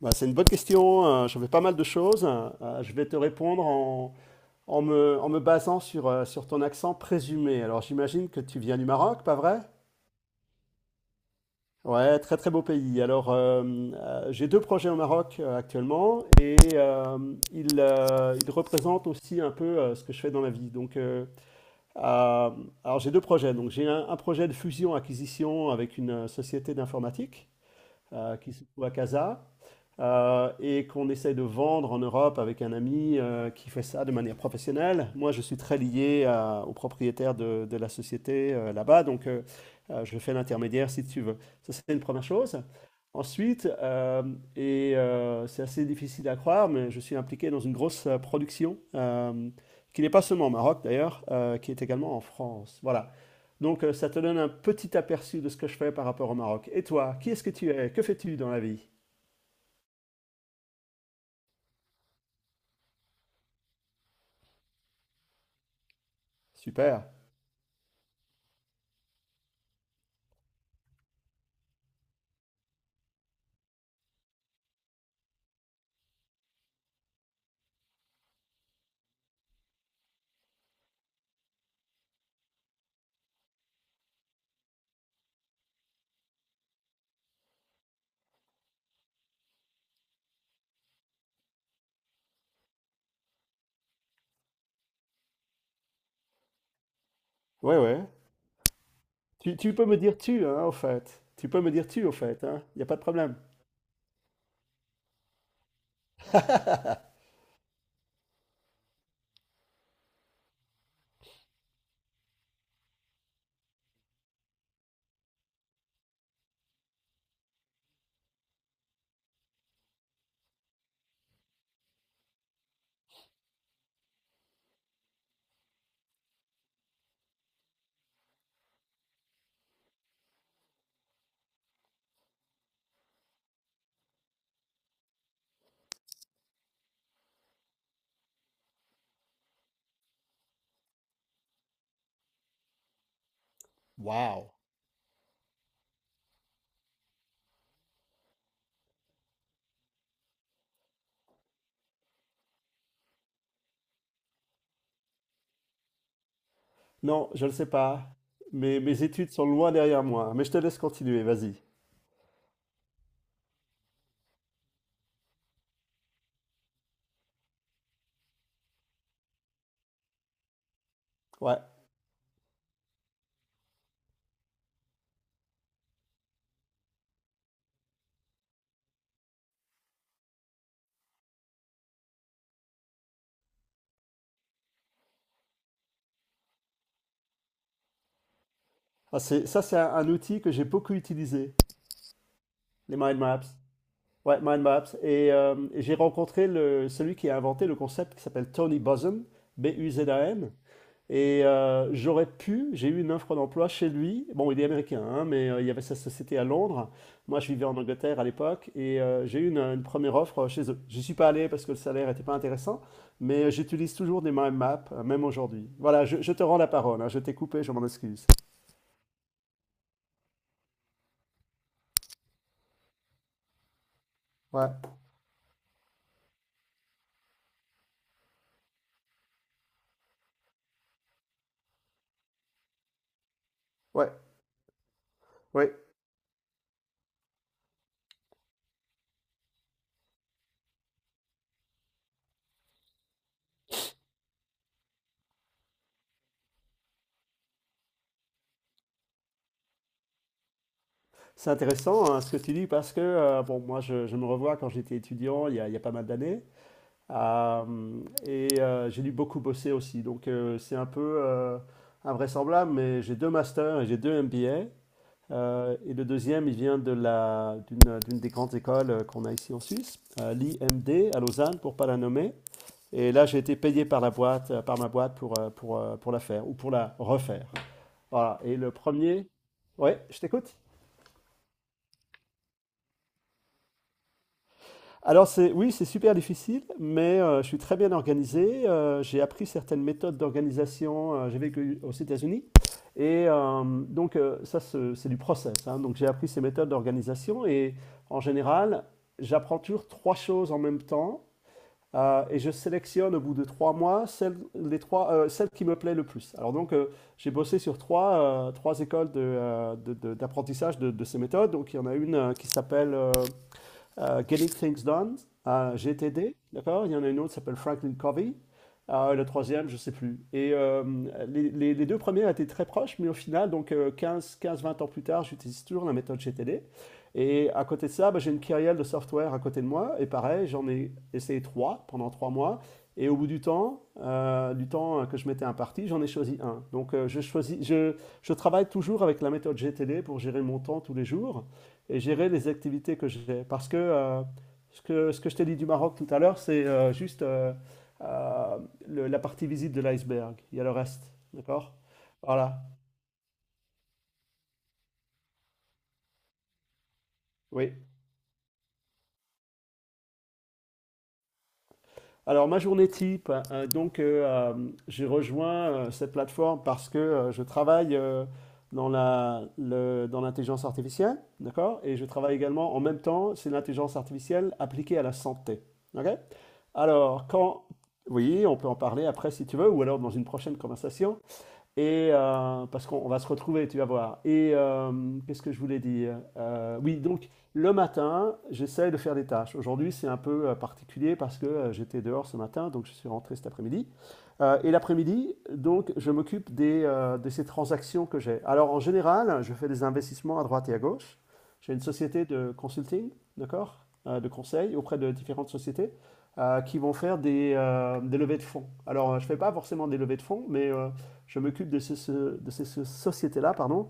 Bah, c'est une bonne question. J'en fais pas mal de choses. Je vais te répondre en me basant sur ton accent présumé. Alors, j'imagine que tu viens du Maroc, pas vrai? Ouais, très très beau pays. Alors, j'ai deux projets au Maroc actuellement et ils représentent aussi un peu ce que je fais dans la vie. Donc, euh, alors j'ai deux projets. Donc, j'ai un projet de fusion-acquisition avec une société d'informatique, qui se trouve à Casa, et qu'on essaie de vendre en Europe avec un ami qui fait ça de manière professionnelle. Moi, je suis très lié au propriétaire de la société là-bas, je fais l'intermédiaire si tu veux. Ça, c'est une première chose. Ensuite, c'est assez difficile à croire, mais je suis impliqué dans une grosse production, qui n'est pas seulement au Maroc d'ailleurs, qui est également en France. Voilà. Donc, ça te donne un petit aperçu de ce que je fais par rapport au Maroc. Et toi, qui est-ce que tu es? Que fais-tu dans la vie? Super. Ouais, ouais. Tu peux me dire tu, hein, au fait. Tu peux me dire tu, au fait, hein. Il n'y a pas de problème. Waouh. Non, je ne sais pas. Mais mes études sont loin derrière moi. Mais je te laisse continuer, vas-y. Ouais. Ah, ça, c'est un outil que j'ai beaucoup utilisé, les mind maps. Ouais, mind maps. Et j'ai rencontré celui qui a inventé le concept qui s'appelle Tony Buzan, b u z a n. J'ai eu une offre d'emploi chez lui. Bon, il est américain, hein, mais il y avait sa société à Londres. Moi, je vivais en Angleterre à l'époque, et j'ai eu une première offre chez eux. J'y suis pas allé parce que le salaire n'était pas intéressant, mais j'utilise toujours des mind maps, même aujourd'hui. Voilà, je te rends la parole, hein. Je t'ai coupé, je m'en excuse. Ouais, ouais, ouais. C'est intéressant, hein, ce que tu dis parce que, bon, moi, je me revois quand j'étais étudiant il y a pas mal d'années. Euh, et j'ai dû beaucoup bosser aussi. C'est un peu invraisemblable, mais j'ai deux masters et j'ai deux MBA. Et le deuxième, il vient d'une des grandes écoles qu'on a ici en Suisse, l'IMD à Lausanne, pour ne pas la nommer. Et là, j'ai été payé par la boîte, par ma boîte pour la faire ou pour la refaire. Voilà. Ouais, je t'écoute. Alors c'est oui, c'est super difficile, mais je suis très bien organisé. J'ai appris certaines méthodes d'organisation. J'ai vécu aux États-Unis. Ça, c'est du process, hein. Donc j'ai appris ces méthodes d'organisation. Et en général, j'apprends toujours trois choses en même temps. Et je sélectionne au bout de 3 mois les trois, celles qui me plaît le plus. Alors, j'ai bossé sur trois écoles d'apprentissage de ces méthodes. Donc il y en a une qui s'appelle... Getting Things Done, GTD, d'accord? Il y en a une autre qui s'appelle Franklin Covey. Le troisième, je ne sais plus. Les deux premiers étaient très proches, mais au final, quinze, 20 ans plus tard, j'utilise toujours la méthode GTD. Et à côté de ça, bah, j'ai une kyrielle de software à côté de moi. Et pareil, j'en ai essayé trois pendant 3 mois. Et au bout du temps que je m'étais imparti, j'en ai choisi un. Je travaille toujours avec la méthode GTD pour gérer mon temps tous les jours et gérer les activités que j'ai. Parce que, ce que je t'ai dit du Maroc tout à l'heure, c'est juste euh, la partie visite de l'iceberg. Il y a le reste, d'accord? Voilà, oui. Alors, ma journée type, j'ai rejoint cette plateforme parce que je travaille dans l'intelligence artificielle, d'accord? Et je travaille également en même temps, c'est l'intelligence artificielle appliquée à la santé. Ok. Alors, quand... Oui, on peut en parler après si tu veux, ou alors dans une prochaine conversation. Parce qu'on va se retrouver, tu vas voir. Qu'est-ce que je voulais dire? Oui, donc le matin, j'essaie de faire des tâches. Aujourd'hui, c'est un peu particulier parce que j'étais dehors ce matin, donc je suis rentré cet après-midi. Et l'après-midi, donc, je m'occupe de ces transactions que j'ai. Alors, en général, je fais des investissements à droite et à gauche. J'ai une société de consulting, d'accord, de conseil auprès de différentes sociétés qui vont faire des levées de fonds. Alors, je ne fais pas forcément des levées de fonds, mais je m'occupe de ces sociétés-là, pardon,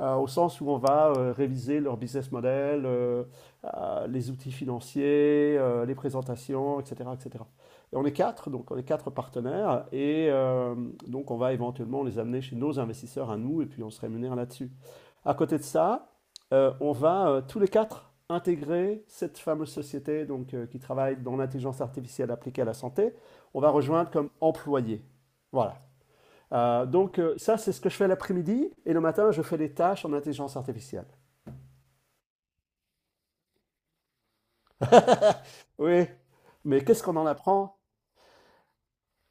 au sens où on va réviser leur business model, les outils financiers, les présentations, etc., etc. Et cetera. Et on est quatre, donc on est quatre partenaires, et on va éventuellement les amener chez nos investisseurs à nous, et puis on se rémunère là-dessus. À côté de ça, on va tous les quatre intégrer cette fameuse société donc, qui travaille dans l'intelligence artificielle appliquée à la santé. On va rejoindre comme employé. Voilà. Ça, c'est ce que je fais l'après-midi, et le matin, je fais des tâches en intelligence artificielle. Oui, mais qu'est-ce qu'on en apprend?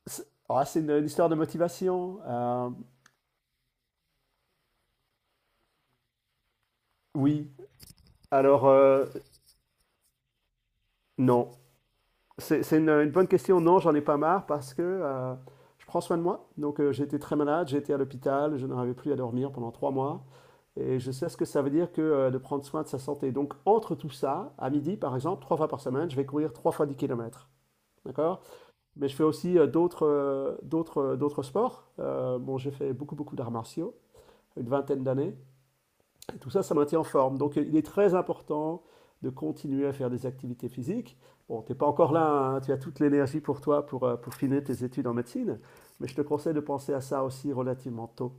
C'est Ah, c'est une histoire de motivation. Oui, alors euh, non. C'est une bonne question. Non, j'en ai pas marre parce que je prends soin de moi. J'ai très malade, j'étais à l'hôpital, je n'arrivais plus à dormir pendant 3 mois. Et je sais ce que ça veut dire que de prendre soin de sa santé. Donc entre tout ça, à midi par exemple, trois fois par semaine, je vais courir trois fois 10 kilomètres. D'accord? Mais je fais aussi d'autres sports. Bon, j'ai fait beaucoup beaucoup d'arts martiaux, une vingtaine d'années. Et tout ça, ça maintient en forme. Donc, il est très important de continuer à faire des activités physiques. Bon, t'es pas encore là, hein, tu as toute l'énergie pour toi pour finir tes études en médecine, mais je te conseille de penser à ça aussi relativement tôt.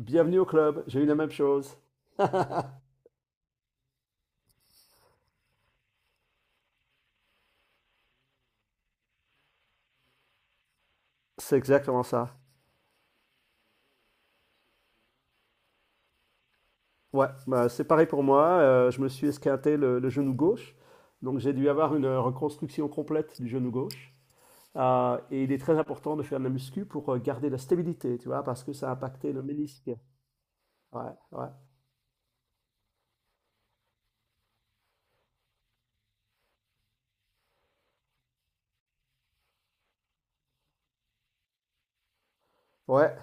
Bienvenue au club, j'ai eu la même chose. C'est exactement ça. Ouais, bah, c'est pareil pour moi, je me suis esquinté le genou gauche, donc j'ai dû avoir une reconstruction complète du genou gauche. Et il est très important de faire de la muscu pour garder la stabilité, tu vois, parce que ça a impacté le ménisque. Ouais, ouais. Ouais,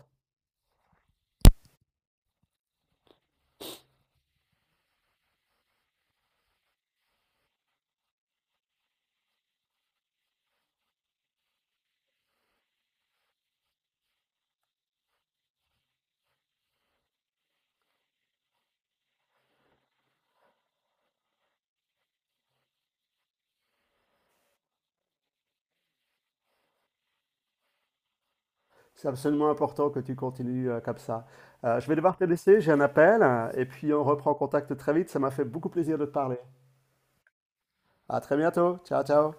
c'est absolument important que tu continues comme ça. Je vais devoir te laisser, j'ai un appel, hein, et puis on reprend contact très vite. Ça m'a fait beaucoup plaisir de te parler. À très bientôt. Ciao, ciao.